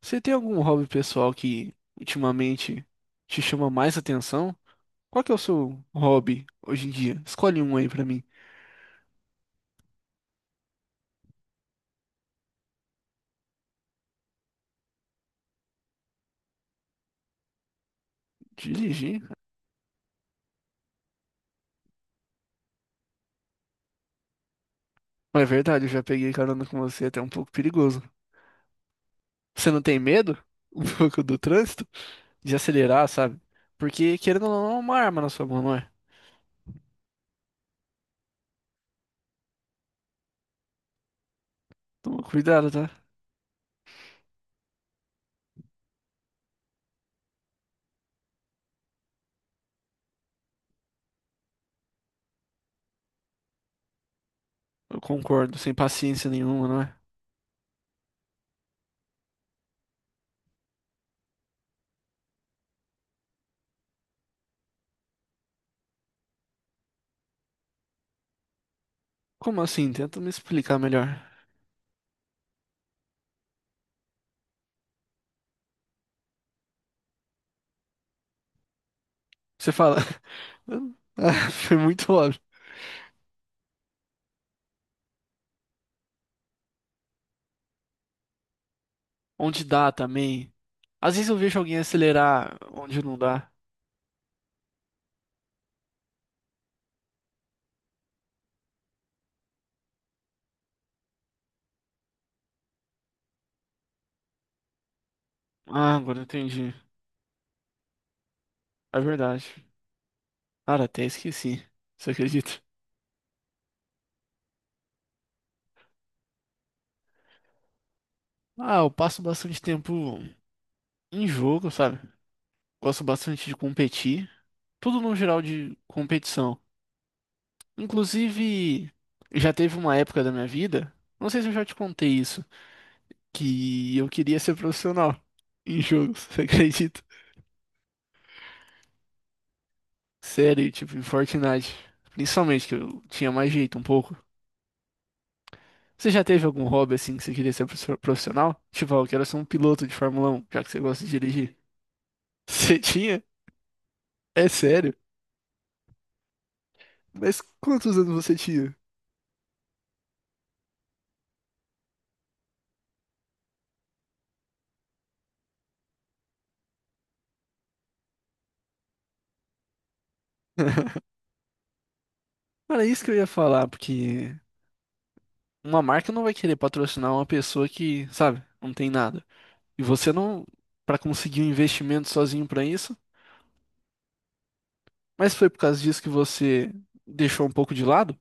Você tem algum hobby pessoal que ultimamente te chama mais atenção? Qual que é o seu hobby hoje em dia? Escolhe um aí pra mim. Dirigir? Mas é verdade, eu já peguei carona com você, é até um pouco perigoso. Você não tem medo um pouco do trânsito? De acelerar, sabe? Porque querendo ou não, é uma arma na sua mão, não é? Toma cuidado, tá? Eu concordo, sem paciência nenhuma, não é? Como assim? Tenta me explicar melhor. Você fala. Ah, foi muito óbvio. Onde dá também. Às vezes eu vejo alguém acelerar onde não dá. Ah, agora eu entendi. É verdade. Cara, até esqueci. Você acredita? Ah, eu passo bastante tempo em jogo, sabe? Gosto bastante de competir. Tudo no geral de competição. Inclusive, já teve uma época da minha vida, não sei se eu já te contei isso, que eu queria ser profissional em jogos, você acredita? Sério, tipo, em Fortnite. Principalmente que eu tinha mais jeito um pouco. Você já teve algum hobby assim que você queria ser profissional? Tipo, ah, eu quero ser um piloto de Fórmula um, já que você gosta de dirigir. Você tinha? É sério? Mas quantos anos você tinha? Cara, é isso que eu ia falar, porque uma marca não vai querer patrocinar uma pessoa que, sabe, não tem nada. E você não, pra conseguir um investimento sozinho pra isso, mas foi por causa disso que você deixou um pouco de lado?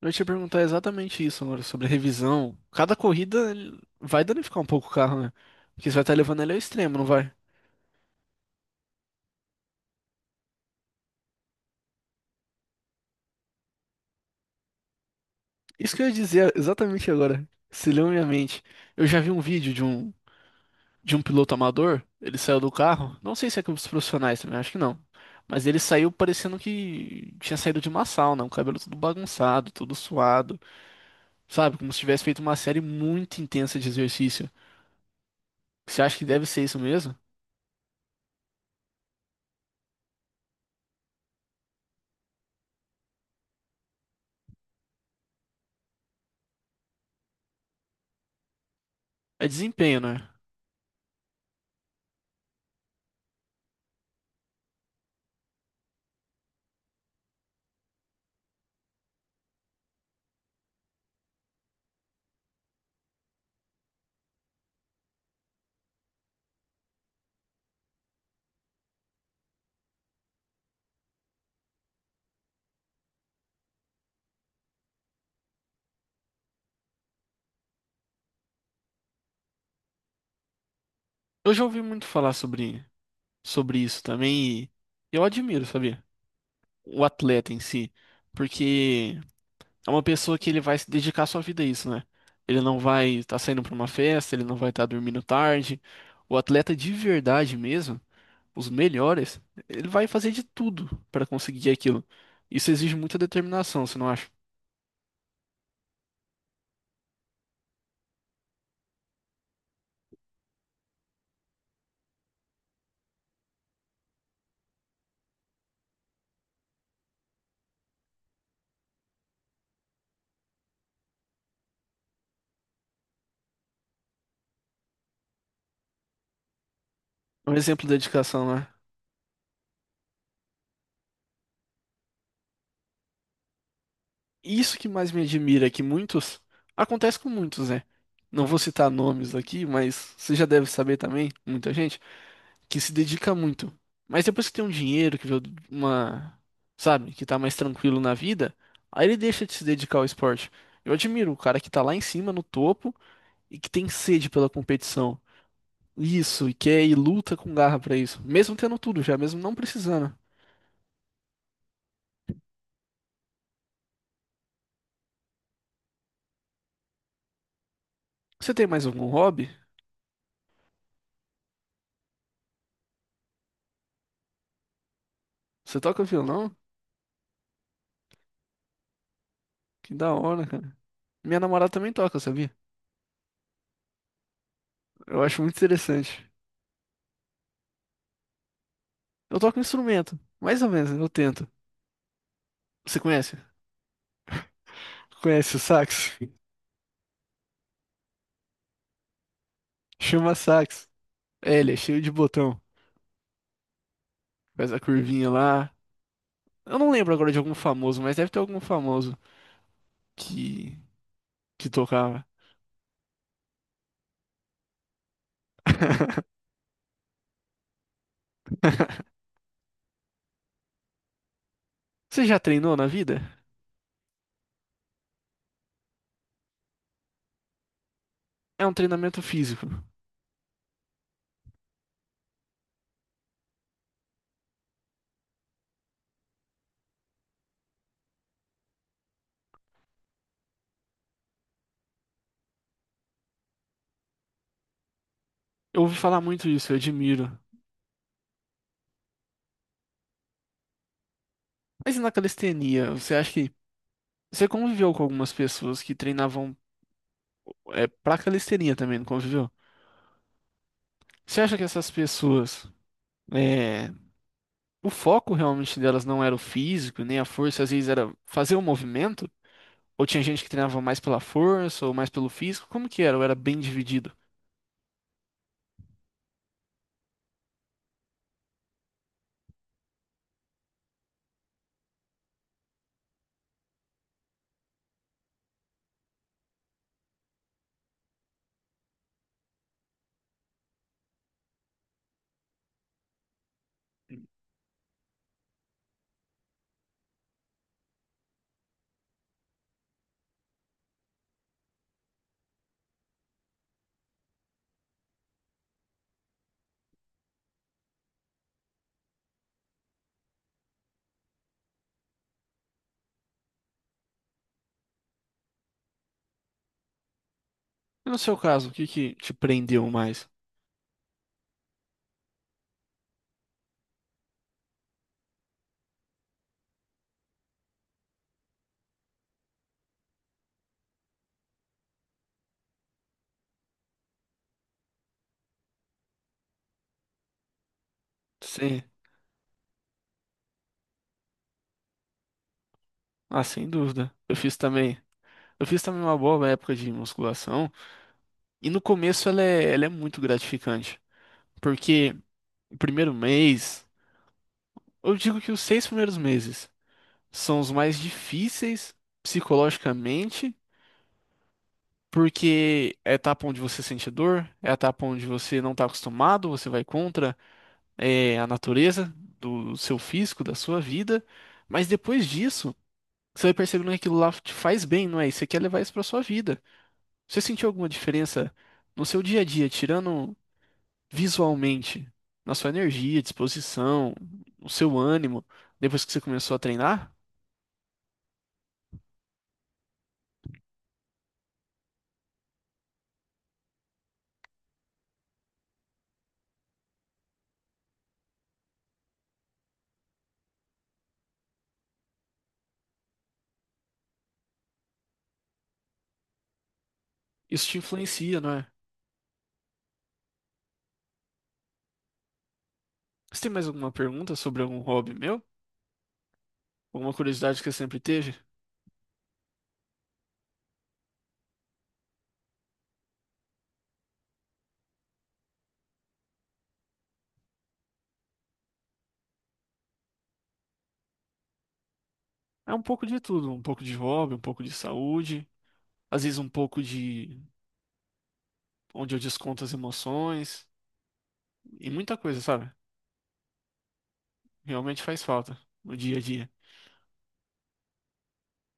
Eu ia te perguntar exatamente isso agora, sobre a revisão. Cada corrida ele vai danificar um pouco o carro, né? Porque você vai estar levando ele ao extremo, não vai? Isso que eu ia dizer exatamente agora. Se leu minha mente. Eu já vi um vídeo de um piloto amador. Ele saiu do carro. Não sei se é com os profissionais também, acho que não. Mas ele saiu parecendo que tinha saído de uma sauna, o cabelo todo bagunçado, todo suado, sabe? Como se tivesse feito uma série muito intensa de exercício. Você acha que deve ser isso mesmo? É desempenho, né? Eu já ouvi muito falar sobre isso também e eu admiro, sabia? O atleta em si. Porque. É uma pessoa que ele vai se dedicar sua vida a isso, né? Ele não vai estar saindo para uma festa, ele não vai estar dormindo tarde. O atleta de verdade mesmo, os melhores, ele vai fazer de tudo para conseguir aquilo. Isso exige muita determinação, você não acha? É um exemplo de dedicação, né? Isso que mais me admira é que muitos, acontece com muitos, né? Não vou citar nomes aqui, mas você já deve saber também, muita gente que se dedica muito. Mas depois que tem um dinheiro, que vê uma, sabe, que tá mais tranquilo na vida, aí ele deixa de se dedicar ao esporte. Eu admiro o cara que tá lá em cima, no topo, e que tem sede pela competição. Isso, e quer e luta com garra pra isso, mesmo tendo tudo já, mesmo não precisando. Você tem mais algum hobby? Você toca violão? Que da hora, cara. Minha namorada também toca, sabia? Eu acho muito interessante. Eu toco um instrumento, mais ou menos, eu tento. Você conhece? Conhece o sax? Chama sax. É, ele é cheio de botão. Faz a curvinha lá. Eu não lembro agora de algum famoso, mas deve ter algum famoso que, que tocava. Você já treinou na vida? É um treinamento físico. Eu ouvi falar muito isso, eu admiro. Mas e na calistenia, você acha que. Você conviveu com algumas pessoas que treinavam pra calistenia também, não conviveu? Você acha que essas pessoas. é, o foco realmente delas não era o físico, nem a força, às vezes era fazer o movimento? Ou tinha gente que treinava mais pela força ou mais pelo físico? Como que era? Ou era bem dividido? E no seu caso, o que que te prendeu mais? Sim. Ah, sem dúvida. Eu fiz também. Eu fiz também uma boa época de musculação. E no começo ela é muito gratificante. Porque o primeiro mês, eu digo que os 6 primeiros meses são os mais difíceis psicologicamente. Porque é etapa onde você sente dor, é etapa onde você não está acostumado, você vai contra a natureza do seu físico, da sua vida. Mas depois disso, você vai percebendo que aquilo lá te faz bem, não é? E você quer levar isso para sua vida. Você sentiu alguma diferença no seu dia a dia, tirando visualmente, na sua energia, disposição, no seu ânimo, depois que você começou a treinar? Isso te influencia, não é? Você tem mais alguma pergunta sobre algum hobby meu? Alguma curiosidade que você sempre teve? É um pouco de tudo, um pouco de hobby, um pouco de saúde, às vezes um pouco de onde eu desconto as emoções e muita coisa, sabe? Realmente faz falta no dia a dia.